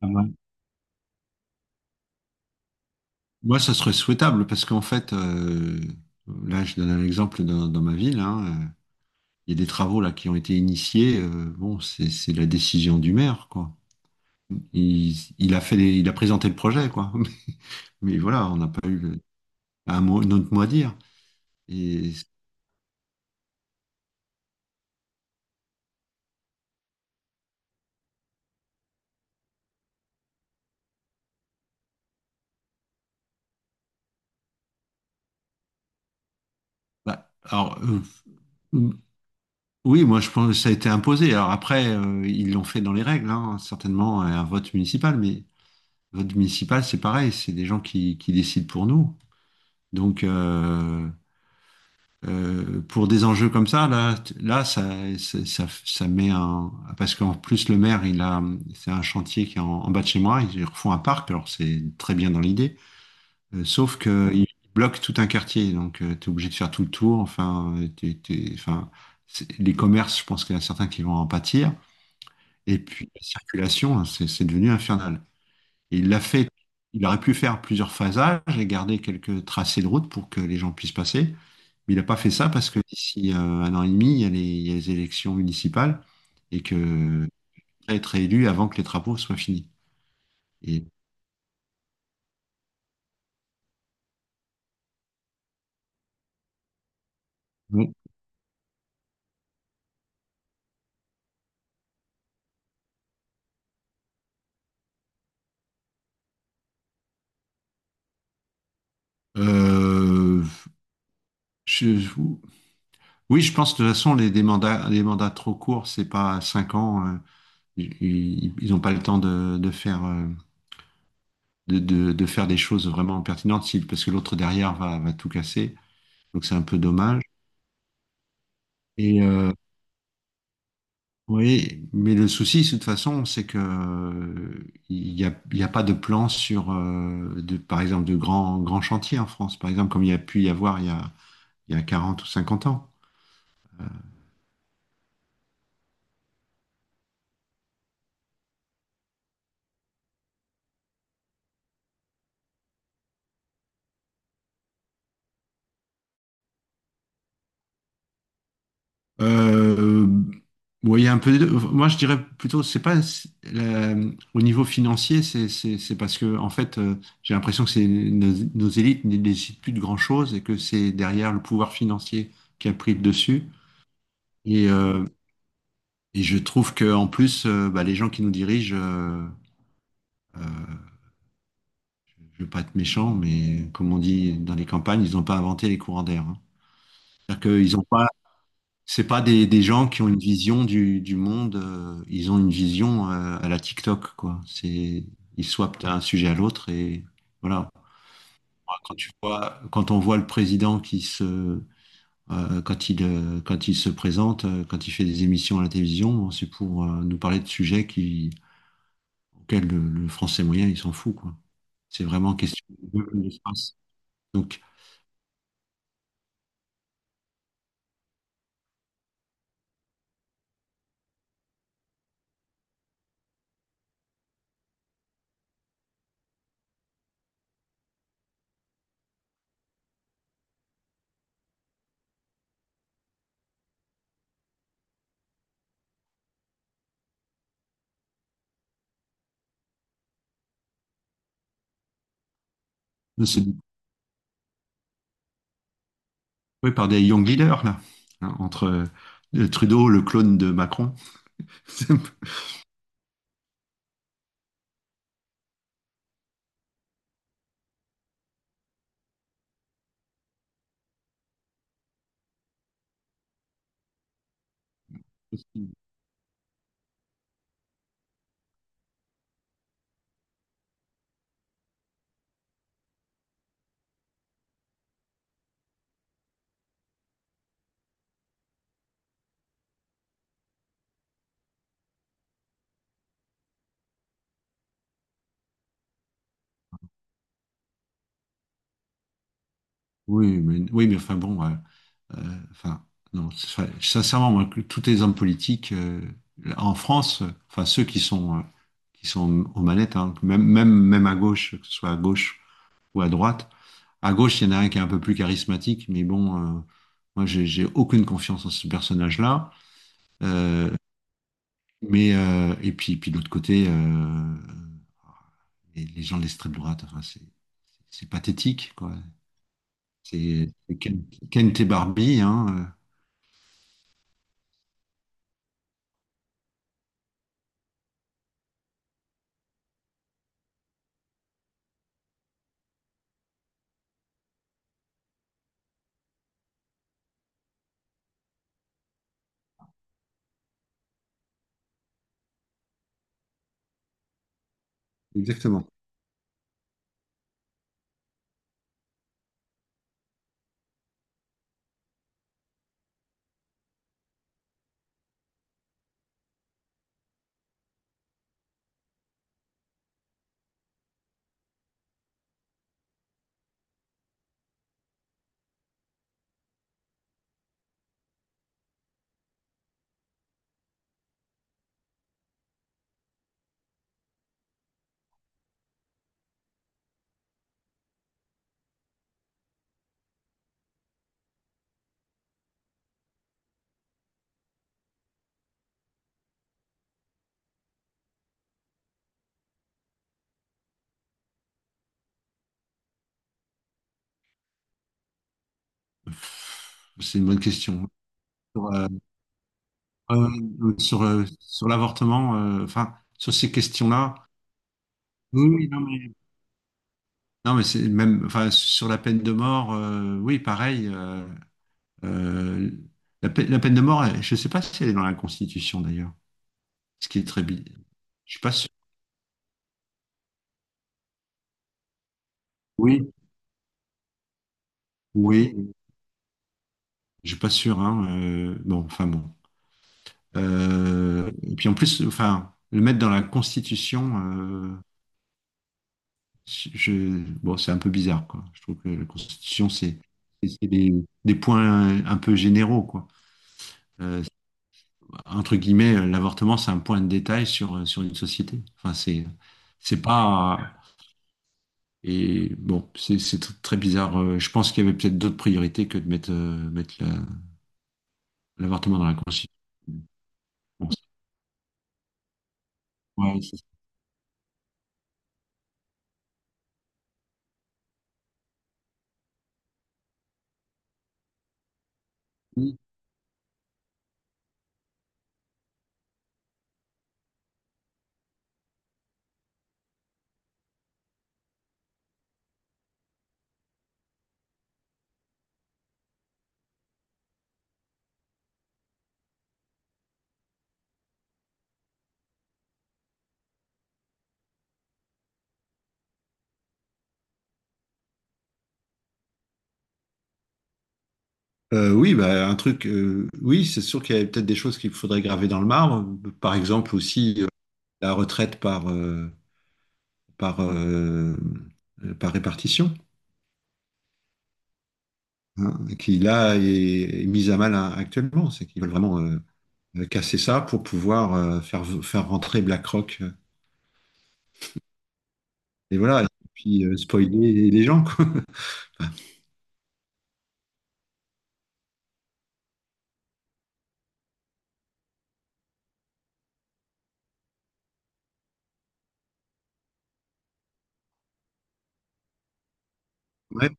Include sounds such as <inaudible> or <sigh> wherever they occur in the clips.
Ah ouais. Moi, ça serait souhaitable parce qu'en fait, là, je donne un exemple dans ma ville, hein, il y a des travaux là qui ont été initiés. Bon, c'est la décision du maire, quoi. Il a fait il a présenté le projet, quoi. <laughs> Mais voilà, on n'a pas eu un mot, notre mot à dire. Et bah, alors, euh, oui, moi, je pense que ça a été imposé. Alors après, ils l'ont fait dans les règles, hein, certainement, un vote municipal. Mais vote municipal, c'est pareil, c'est des gens qui décident pour nous. Donc, pour des enjeux comme ça, là, là, ça met un, parce qu'en plus le maire, il a, c'est un chantier qui est en bas de chez moi, ils refont un parc, alors c'est très bien dans l'idée, sauf que il bloque tout un quartier, donc tu es obligé de faire tout le tour, enfin, enfin, les commerces, je pense qu'il y en a certains qui vont en pâtir, et puis la circulation, hein, c'est devenu infernal. Et il l'a fait, il aurait pu faire plusieurs phasages et garder quelques tracés de route pour que les gens puissent passer. Mais il n'a pas fait ça parce que d'ici un an et demi, il y a il y a les élections municipales et que il pourrait être élu avant que les travaux soient finis. Et bon, euh, je- oui, je pense de toute façon les mandats trop courts, c'est pas cinq ans. Ils n'ont pas le temps de faire de faire des choses vraiment pertinentes parce que l'autre derrière va tout casser. Donc c'est un peu dommage. Et euh, Oui, mais le souci, de toute façon, c'est que il n'y a, il y a pas de plan sur, par exemple, de grands chantiers en France, par exemple, comme il y a pu y avoir il y a 40 ou cinquante ans. Euh, ouais, il y a un peu des deux. Moi, je dirais plutôt, c'est pas c'est- la- au niveau financier, c'est parce que, en fait, j'ai l'impression que c'est nos élites ne décident plus de grand-chose et que c'est derrière le pouvoir financier qui a pris le dessus. Et, euh, Et je trouve que en plus, les gens qui nous dirigent, euh, je veux pas être méchant, mais comme on dit dans les campagnes, ils n'ont pas inventé les courants d'air, hein. C'est-à-dire qu'ils ont pas, c'est pas des gens qui ont une vision du monde. Ils ont une vision à la TikTok, quoi. C'est, ils swappent d'un sujet à l'autre et voilà. Moi, quand tu vois, quand on voit le président qui se, quand il se présente, quand il fait des émissions à la télévision, bon, c'est pour nous parler de sujets qui auquel le français moyen, il s'en fout, quoi. C'est vraiment question de l'espace. Donc, nous, c'est découpé par des young leaders, là, hein, entre le Trudeau, le clone de Macron. <laughs> C'est un peu possible. Oui, mais enfin bon, euh, enfin, non, enfin, sincèrement, moi, que tous les hommes politiques en France, enfin, ceux qui sont aux manettes, hein, même à gauche, que ce soit à gauche ou à droite. À gauche, il y en a un qui est un peu plus charismatique, mais bon, moi, j'ai aucune confiance en ce personnage-là. Euh, mais puis de l'autre côté, les gens de l'extrême droite, enfin, c'est pathétique, quoi. C'est Ken, Ken T. Barbie, hein. Exactement. C'est une bonne question. Sur, euh, Sur l'avortement, enfin, sur ces questions-là. Oui, oui, non, mais, non, mais c'est même, enfin, sur la peine de mort, oui, pareil. Euh, la, la peine de mort, je ne sais pas si elle est dans la Constitution d'ailleurs, ce qui est Je suis pas sûr. Oui, oui, je suis pas sûr, hein. Bon, enfin bon. Et puis en plus, enfin, le mettre dans la Constitution, bon, c'est un peu bizarre, quoi. Je trouve que la Constitution, c'est des points un peu généraux, quoi. Euh, Entre guillemets, l'avortement, c'est un point de détail sur une société. Enfin, c'est pas. Et bon, très bizarre. Je pense qu'il y avait peut-être d'autres priorités que de mettre, l'avortement dans la Constitution. Ouais, c'est- oui, bah, un truc, oui, c'est sûr qu'il y avait peut-être des choses qu'il faudrait graver dans le marbre. Par exemple aussi la retraite par, euh, par répartition, hein, qui là est mise à mal, hein, actuellement. C'est qu'ils veulent vraiment casser ça pour pouvoir faire rentrer BlackRock. Et voilà, et puis spoiler les gens, quoi. <laughs> Ouais,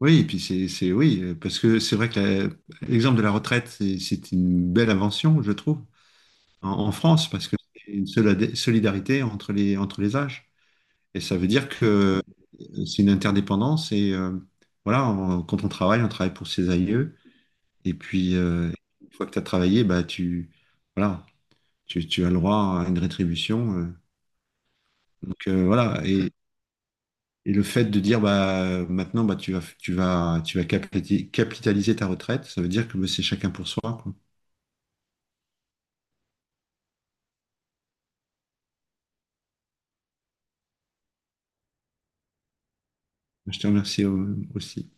oui, et puis oui, parce que c'est vrai que l'exemple de la retraite, c'est une belle invention, je trouve, en France, parce que c'est une solidarité entre entre les âges. Et ça veut dire que c'est une interdépendance, et voilà, quand on travaille pour ses aïeux, et puis une fois que tu as travaillé, bah, voilà, tu as le droit à une rétribution. Voilà. Et le fait de dire bah maintenant bah tu vas capitaliser ta retraite, ça veut dire que bah, c'est chacun pour soi, quoi. Je te remercie, aussi.